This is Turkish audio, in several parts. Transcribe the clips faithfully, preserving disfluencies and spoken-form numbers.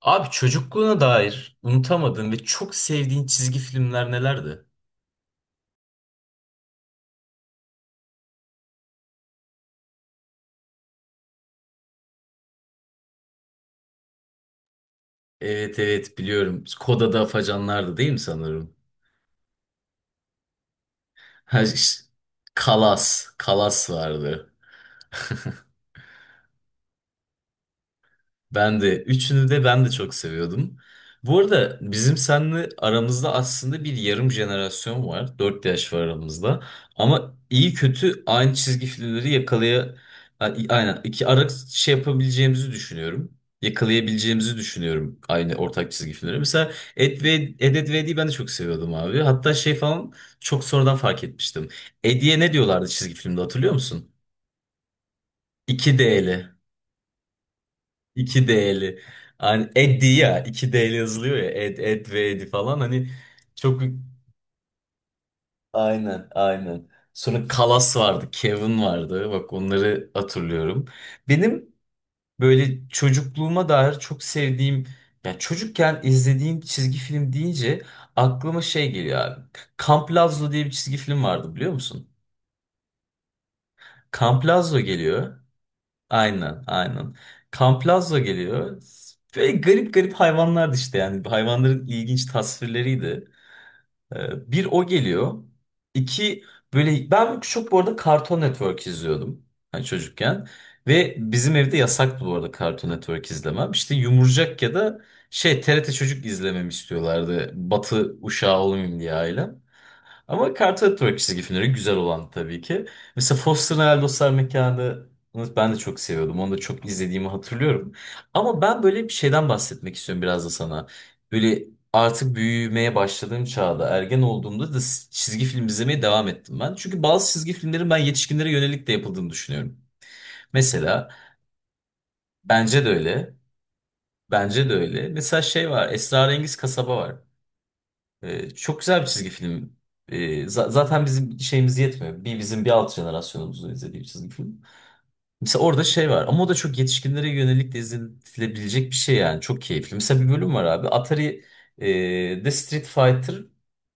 Abi çocukluğuna dair unutamadığın ve çok sevdiğin çizgi filmler nelerdi? Evet evet biliyorum. Koda'da Afacanlar'dı değil mi sanırım? Ha, ş- Kalas. Kalas vardı. Ben de. Üçünü de ben de çok seviyordum. Bu arada bizim seninle aramızda aslında bir yarım jenerasyon var. Dört yaş var aramızda. Ama iyi kötü aynı çizgi filmleri yakalaya... A- Aynen. iki ara şey yapabileceğimizi düşünüyorum. Yakalayabileceğimizi düşünüyorum aynı ortak çizgi filmleri. Mesela Ed ve Ed, Ed ve Eddy'yi ben de çok seviyordum abi. Hatta şey falan çok sonradan fark etmiştim. Eddy'ye ne diyorlardı çizgi filmde hatırlıyor musun? iki D'li. İki D'li. Hani Eddie ya. İki D'li yazılıyor ya. Ed, Ed ve Edi falan. Hani çok... Aynen, aynen. Sonra Kalas vardı. Kevin vardı. Bak onları hatırlıyorum. Benim böyle çocukluğuma dair çok sevdiğim... Ya çocukken izlediğim çizgi film deyince aklıma şey geliyor abi. Kamp Lazlo diye bir çizgi film vardı biliyor musun? Kamp Lazlo geliyor. Aynen, aynen. Kamplazo geliyor. Böyle garip garip hayvanlardı işte yani. Hayvanların ilginç tasvirleriydi. Ee, bir o geliyor. İki böyle ben çok bu arada Cartoon Network izliyordum hani çocukken. Ve bizim evde yasaktı bu arada Cartoon Network izlemem. İşte Yumurcak ya da şey T R T Çocuk izlememi istiyorlardı. Batı uşağı olmayayım diye ailem. Ama Cartoon Network çizgi filmleri güzel olan tabii ki. Mesela Foster'ın Hayal Dostlar Mekanı ben de çok seviyordum. Onu da çok izlediğimi hatırlıyorum. Ama ben böyle bir şeyden bahsetmek istiyorum biraz da sana. Böyle artık büyümeye başladığım çağda, ergen olduğumda da çizgi film izlemeye devam ettim ben. Çünkü bazı çizgi filmlerin ben yetişkinlere yönelik de yapıldığını düşünüyorum. Mesela bence de öyle. Bence de öyle. Mesela şey var, Esrarengiz Kasaba var. Ee, çok güzel bir çizgi film. Ee, za- zaten bizim şeyimiz yetmiyor. Bir bizim bir alt jenerasyonumuzun izlediği bir çizgi film. Mesela orada şey var ama o da çok yetişkinlere yönelik de izletilebilecek bir şey yani. Çok keyifli. Mesela bir bölüm var abi. Atari e, The Street Fighter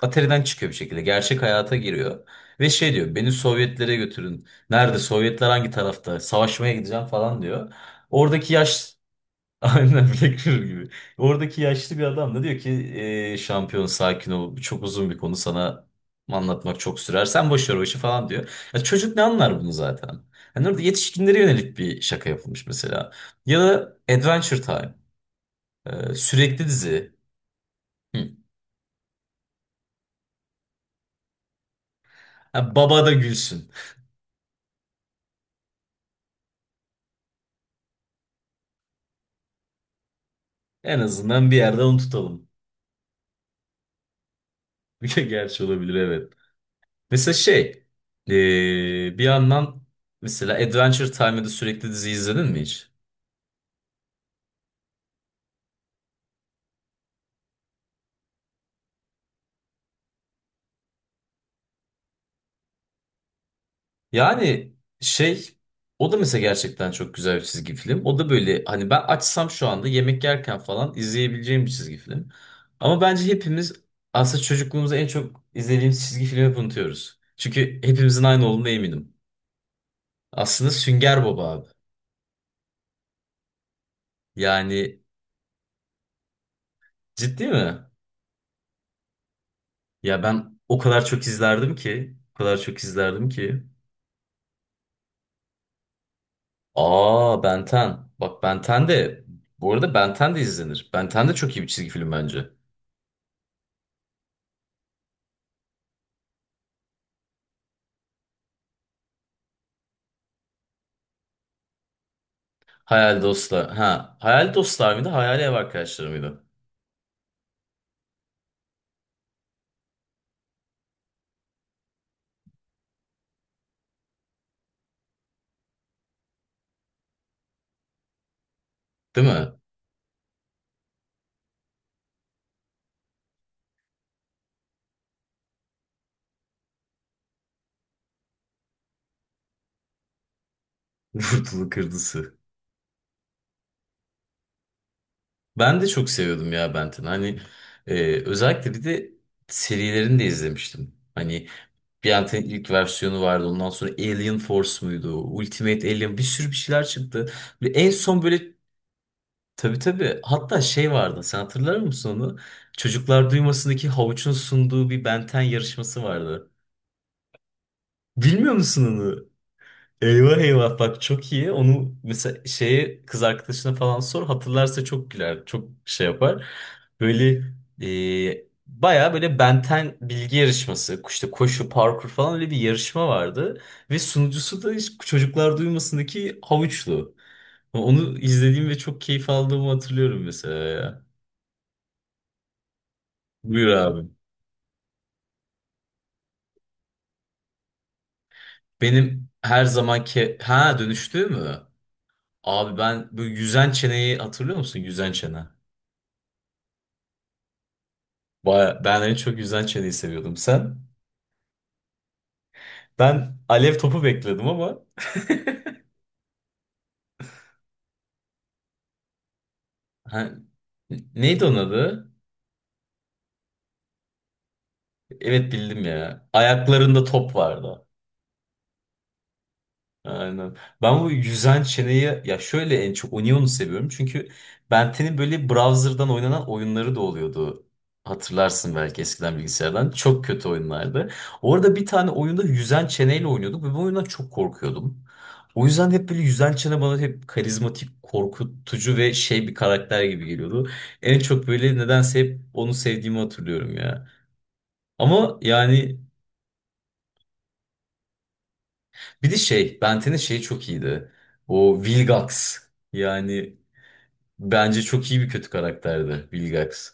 Atari'den çıkıyor bir şekilde. Gerçek hayata giriyor. Ve şey diyor beni Sovyetlere götürün. Nerede Sovyetler hangi tarafta? Savaşmaya gideceğim falan diyor. Oradaki yaş Aynen Black Mirror gibi. Oradaki yaşlı bir adam da diyor ki "Ee, şampiyon sakin ol. Bu çok uzun bir konu sana anlatmak çok sürer. Sen boş ver o işi falan diyor. Ya çocuk ne anlar bunu zaten? Hani orada yetişkinlere yönelik bir şaka yapılmış mesela. Ya da Adventure Time. Ee, sürekli dizi. Hı. Ha, baba da gülsün. En azından bir yerde onu tutalım. Bir gerçi olabilir evet. Mesela şey. Ee, bir yandan mesela Adventure Time'da sürekli dizi izledin mi hiç? Yani şey o da mesela gerçekten çok güzel bir çizgi film. O da böyle hani ben açsam şu anda yemek yerken falan izleyebileceğim bir çizgi film. Ama bence hepimiz aslında çocukluğumuzda en çok izlediğimiz çizgi filmi hep unutuyoruz. Çünkü hepimizin aynı olduğuna eminim. Aslında Sünger Bob abi. Yani ciddi mi? Ya ben o kadar çok izlerdim ki, o kadar çok izlerdim ki. Aa Ben 10. Bak Ben on de bu arada Ben on de izlenir. Ben on de çok iyi bir çizgi film bence. Hayal dostlar. Ha, hayal dostlar mıydı? Hayali ev arkadaşları mıydı? Değil mi? Vurdulu kırdısı. Ben de çok seviyordum ya Benten'i. Hani e, özellikle bir de serilerini de izlemiştim. Hani Benten'in ilk versiyonu vardı. Ondan sonra Alien Force muydu? Ultimate Alien bir sürü bir şeyler çıktı. Ve en son böyle tabii tabii hatta şey vardı. Sen hatırlar mısın onu? Çocuklar Duymasındaki havuçun sunduğu bir Benten yarışması vardı. Bilmiyor musun onu? Eyvah eyvah bak çok iyi. Onu mesela şeye kız arkadaşına falan sor hatırlarsa çok güler. Çok şey yapar. Böyle e, baya böyle benten bilgi yarışması işte koşu parkur falan öyle bir yarışma vardı. Ve sunucusu da hiç çocuklar duymasındaki havuçlu. Onu izlediğim ve çok keyif aldığımı hatırlıyorum mesela ya. Buyur abi. Benim her zamanki ha dönüştüğü mü? Abi ben böyle yüzen çeneyi hatırlıyor musun? Yüzen çene. Baya, ben en çok yüzden çeneyi seviyordum. Sen? Ben alev topu bekledim ama ha, neydi onun adı? Evet bildim ya. Ayaklarında top vardı. Aynen. Ben bu yüzen çeneyi ya şöyle en çok Onion'u seviyorum. Çünkü Benten'in böyle browser'dan oynanan oyunları da oluyordu. Hatırlarsın belki eskiden bilgisayardan. Çok kötü oyunlardı. Orada bir tane oyunda yüzen çeneyle oynuyorduk ve bu oyundan çok korkuyordum. O yüzden hep böyle yüzen çene bana hep karizmatik, korkutucu ve şey bir karakter gibi geliyordu. En çok böyle nedense hep onu sevdiğimi hatırlıyorum ya. Ama yani bir de şey, Benten'in şeyi çok iyiydi. O Vilgax. Yani bence çok iyi bir kötü karakterdi Vilgax.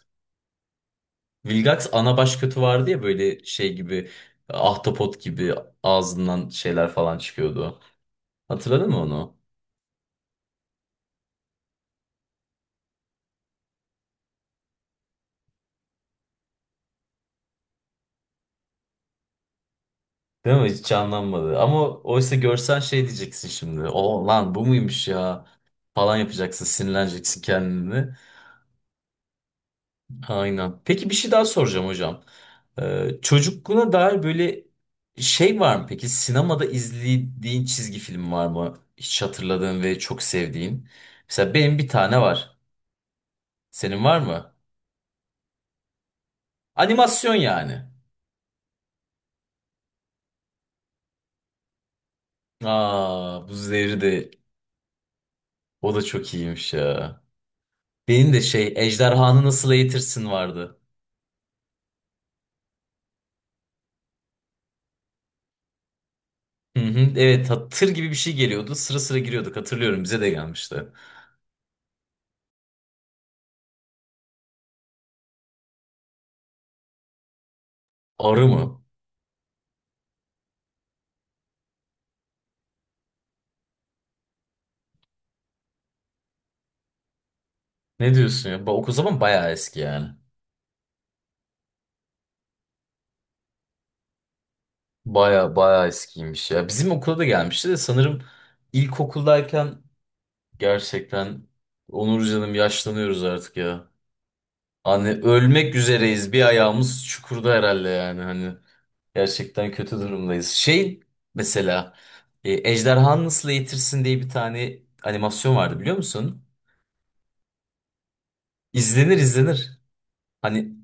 Vilgax ana baş kötü vardı ya böyle şey gibi ahtapot gibi ağzından şeyler falan çıkıyordu. Hatırladın mı onu? Değil mi? Hiç canlanmadı. Ama oysa görsen şey diyeceksin şimdi. O lan bu muymuş ya? Falan yapacaksın, sinirleneceksin kendini. Aynen. Peki bir şey daha soracağım hocam. Ee, çocukluğuna dair böyle şey var mı peki? Sinemada izlediğin çizgi film var mı? Hiç hatırladığın ve çok sevdiğin. Mesela benim bir tane var. Senin var mı? Animasyon yani. Aa, bu zevri de o da çok iyiymiş ya. Benim de şey Ejderhanı Nasıl Eğitirsin vardı. Hı hı, evet ha- tır gibi bir şey geliyordu. Sıra sıra giriyorduk hatırlıyorum bize de gelmişti. Arı mı? Ne diyorsun ya? Ba- O zaman bayağı eski yani. Baya baya eskiymiş ya. Bizim okula da gelmişti de sanırım ilkokuldayken gerçekten Onur canım yaşlanıyoruz artık ya. Hani ölmek üzereyiz. Bir ayağımız çukurda herhalde yani hani. Gerçekten kötü durumdayız. Şey mesela e, Ejderhanı Nasıl Eğitirsin diye bir tane animasyon vardı biliyor musun? İzlenir izlenir. Hani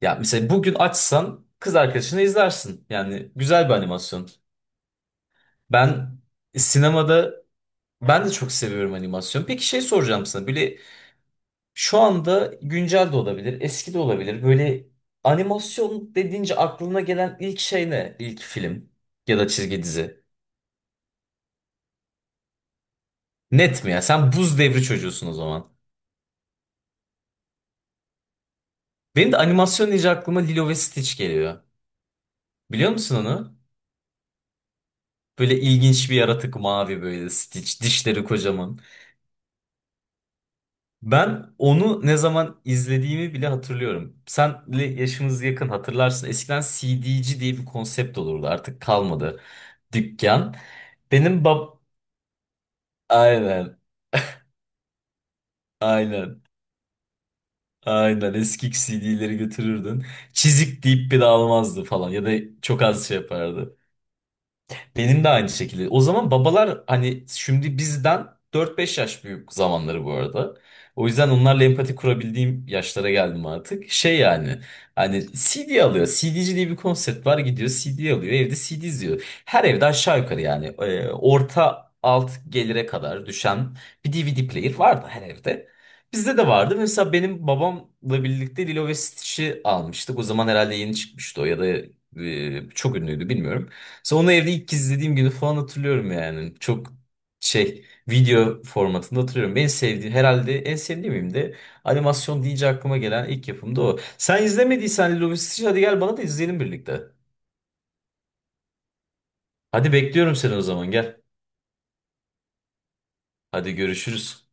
ya mesela bugün açsan kız arkadaşına izlersin. Yani güzel bir animasyon. Ben sinemada ben de çok seviyorum animasyon. Peki şey soracağım sana. Böyle şu anda güncel de olabilir, eski de olabilir. Böyle animasyon dediğince aklına gelen ilk şey ne? İlk film ya da çizgi dizi. Net mi ya? Sen buz devri çocuğusun o zaman. Benim de animasyon deyince aklıma Lilo ve Stitch geliyor. Biliyor musun onu? Böyle ilginç bir yaratık mavi böyle Stitch. Dişleri kocaman. Ben onu ne zaman izlediğimi bile hatırlıyorum. Senle yaşımız yakın hatırlarsın. Eskiden C CD'ci diye bir konsept olurdu. Artık kalmadı. Dükkan. Benim bab... Aynen. Aynen. Aynen. Eski C D'leri götürürdün. Çizik deyip bir de almazdı falan. Ya da çok az şey yapardı. Benim de aynı şekilde. O zaman babalar hani şimdi bizden dört beş yaş büyük zamanları bu arada. O yüzden onlarla empati kurabildiğim yaşlara geldim artık. Şey yani hani C D alıyor. C D'ci diye bir konsept var gidiyor C D alıyor. Evde C D izliyor. Her evde aşağı yukarı yani e, orta alt gelire kadar düşen bir D V D player vardı her evde. Bizde de vardı. Mesela benim babamla birlikte Lilo ve Stitch'i almıştık. O zaman herhalde yeni çıkmıştı o ya da e, çok ünlüydü bilmiyorum. Sonra evde ilk kez izlediğim günü falan hatırlıyorum yani. Çok şey video formatında hatırlıyorum. En sevdiğim herhalde en sevdiğim de animasyon deyince aklıma gelen ilk yapım da o. Sen izlemediysen Lilo ve Stitch hadi gel bana da izleyelim birlikte. Hadi bekliyorum seni o zaman gel. Hadi görüşürüz.